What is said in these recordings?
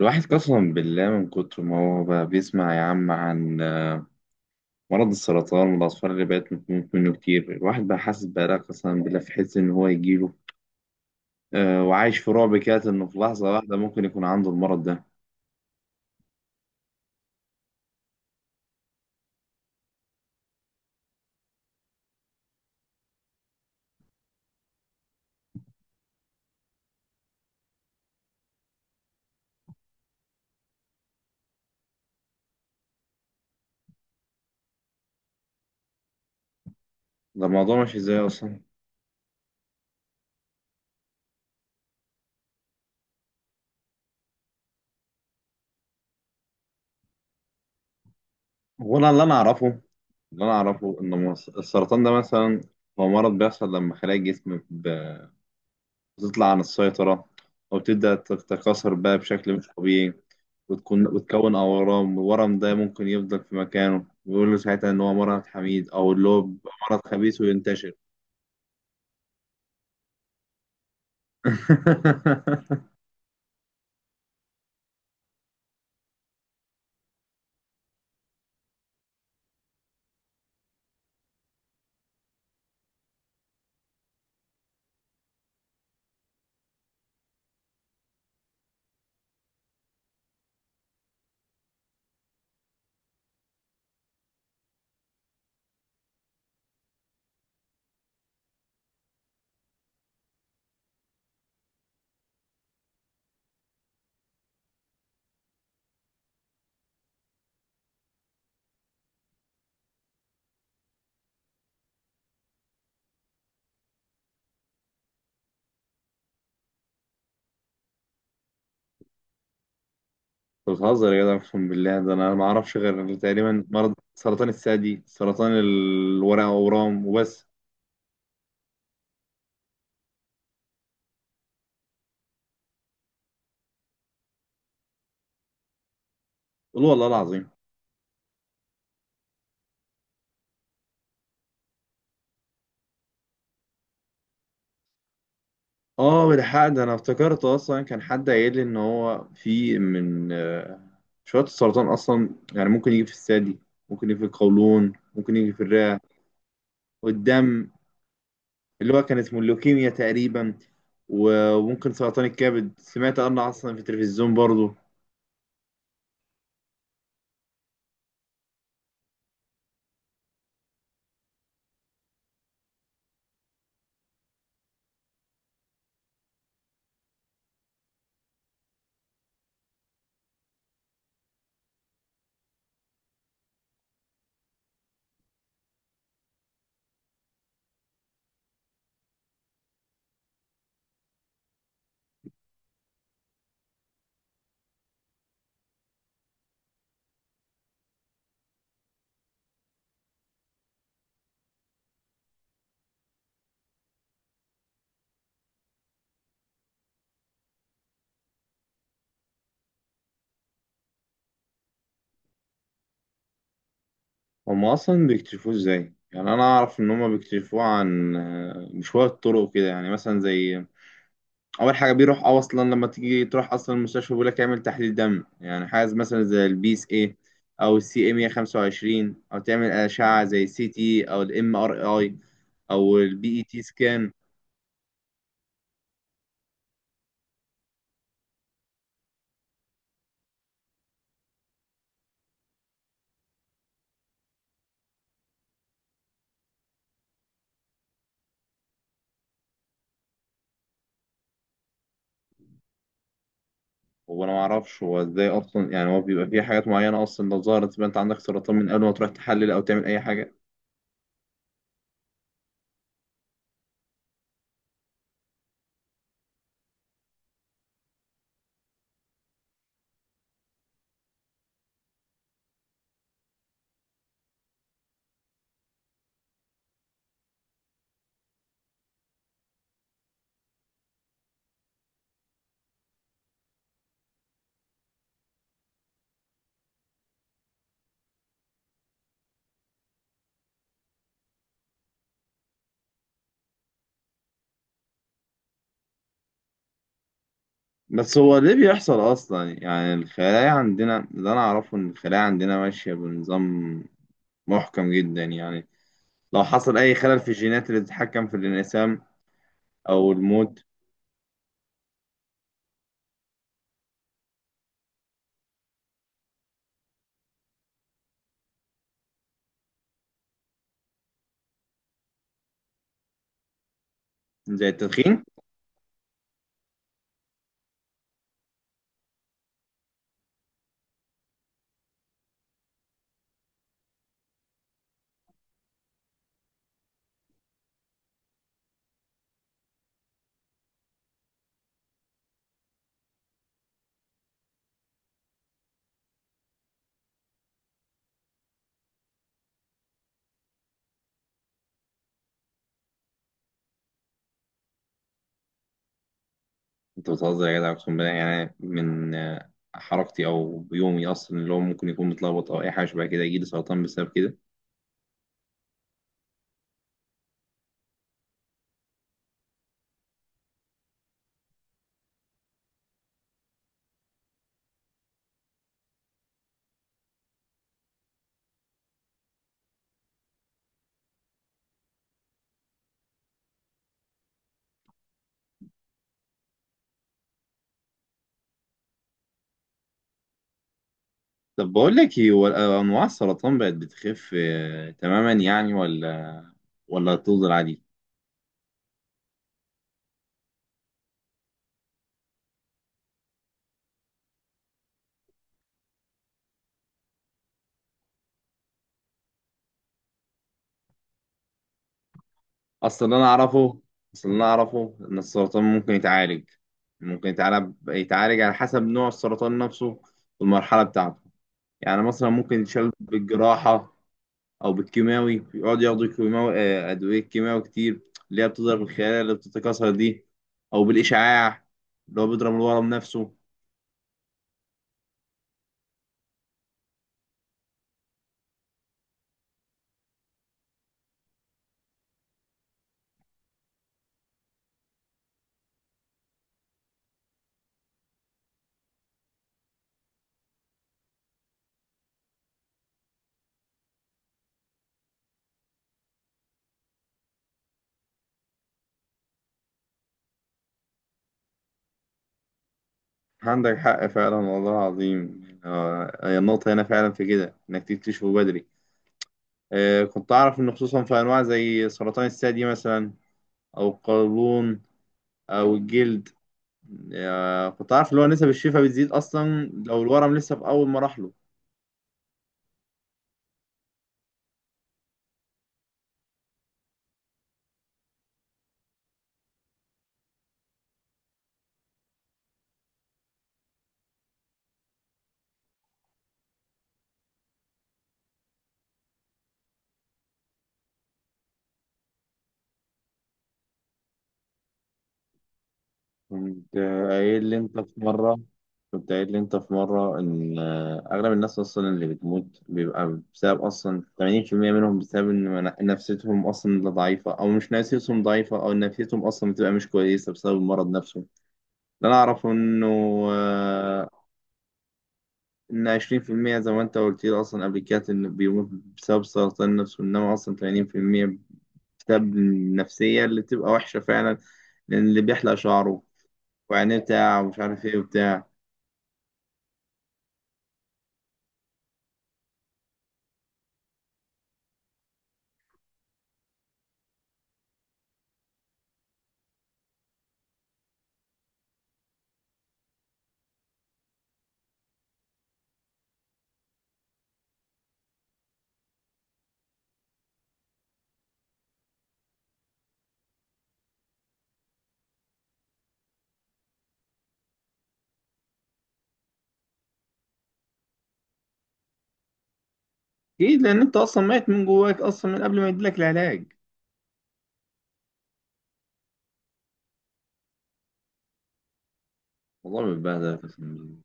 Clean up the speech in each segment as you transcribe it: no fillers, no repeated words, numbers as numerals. الواحد قسما بالله من كتر ما هو بقى بيسمع يا عم عن مرض السرطان والأطفال اللي بقت بتموت منه كتير، الواحد بقى حاسس بقى قسما بالله في حس إن هو يجيله آه وعايش في رعب كده، إنه في لحظة واحدة ممكن يكون عنده المرض ده. ده الموضوع ماشي إزاي أصلا؟ هو أنا اللي أنا أعرفه، اللي أنا أعرفه إن السرطان ده مثلا هو مرض بيحصل لما خلايا الجسم وتطلع عن السيطرة أو تبدأ تتكاثر بقى بشكل مش طبيعي وتكون أورام، والورم ده ممكن يفضل في مكانه ويقول له ساعتها إن هو مرض حميد، أو اللي هو مرض خبيث وينتشر. أنت بتهزر يا جدع، أقسم بالله ده أنا ما أعرفش غير تقريبا مرض سرطان الثدي، سرطان الورق، أورام وبس. قول والله العظيم. اه بالحق ده انا افتكرت اصلا كان حد قايل لي ان هو في من شويه السرطان اصلا، يعني ممكن يجي في الثدي، ممكن يجي في القولون، ممكن يجي في الرئه والدم، اللي هو كان اسمه اللوكيميا تقريبا، وممكن سرطان الكبد سمعت عنه اصلا في التلفزيون برضه. هم اصلا بيكتشفوه ازاي؟ يعني انا اعرف ان هم بيكتشفوه عن بشويه طرق كده، يعني مثلا زي اول حاجه بيروح اه اصلا لما تيجي تروح اصلا المستشفى بيقول لك اعمل تحليل دم، يعني حاجه مثلا زي البي اس اي او السي ام 125، او تعمل اشعه زي سي تي او الام ار اي او البي اي تي سكان. هو انا ما اعرفش هو ازاي اصلا، يعني هو بيبقى فيه حاجات معينه اصلا لو ظهرت يبقى انت عندك سرطان من قبل ما تروح تحلل او تعمل اي حاجه. بس هو ليه بيحصل اصلا؟ يعني الخلايا عندنا، اللي انا اعرفه ان الخلايا عندنا ماشيه بنظام محكم جدا، يعني لو حصل اي خلل في الجينات اللي بتتحكم في الانقسام او المود، زي التدخين. انت بتهزر يا جدع اقسم بالله، يعني من حركتي او يومي اصلا اللي هو ممكن يكون متلخبط او اي حاجه شبه كده يجي لي سرطان بسبب كده؟ طب بقول لك ايه، هو انواع السرطان بقت بتخف تماما يعني، ولا ولا تفضل عادي؟ اصل اللي انا اعرفه اصل اللي انا اعرفه ان السرطان ممكن يتعالج، يتعالج على حسب نوع السرطان نفسه والمرحله بتاعته. يعني مثلا ممكن يتشال بالجراحه، او بالكيماوي يقعد ياخدوا كيماوي، ادويه كيماوي كتير اللي هي بتضرب الخلايا اللي بتتكاثر دي، او بالاشعاع اللي هو بيضرب الورم نفسه. عندك حق فعلا والله العظيم، هي النقطة هنا فعلا في كده إنك تكتشفه بدري. كنت أعرف إن خصوصا في أنواع زي سرطان الثدي مثلا أو القولون أو الجلد. كنت أعرف اللي هو نسب الشفاء بتزيد أصلا لو الورم لسه في أول مراحله. كنت قايل لي انت في مرة كنت قايل لي انت في مرة ان اغلب الناس اصلا اللي بتموت بيبقى بسبب اصلا 80% منهم بسبب ان نفسيتهم اصلا لا ضعيفة، او مش نفسيتهم ضعيفة، او نفسيتهم اصلا بتبقى مش كويسة بسبب المرض نفسه. اللي انا اعرفه انه آه، ان 20% زي ما انت قلت لي اصلا قبل كده انه بيموت بسبب سرطان النفس، وانما اصلا 80% بسبب النفسية اللي بتبقى وحشة فعلا. لان اللي بيحلق شعره وعينيه بتاع ومش عارف ايه وبتاع اكيد لان انت اصلا ميت من جواك اصلا من قبل ما يديلك العلاج. والله ما بتبهدل يا قسم بالله.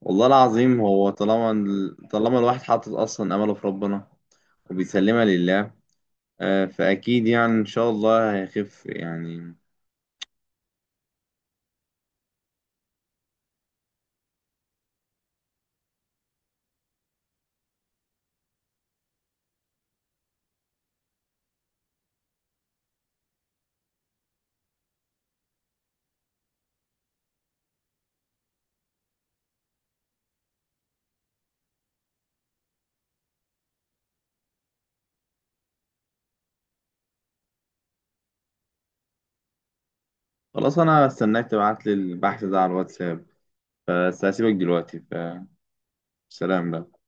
والله العظيم هو طالما الواحد حاطط اصلا امله في ربنا وبيسلمها لله. فاكيد يعني ان شاء الله هيخف يعني. خلاص انا استناك تبعت لي البحث ده على الواتساب، فسأسيبك دلوقتي، فسلام بقى.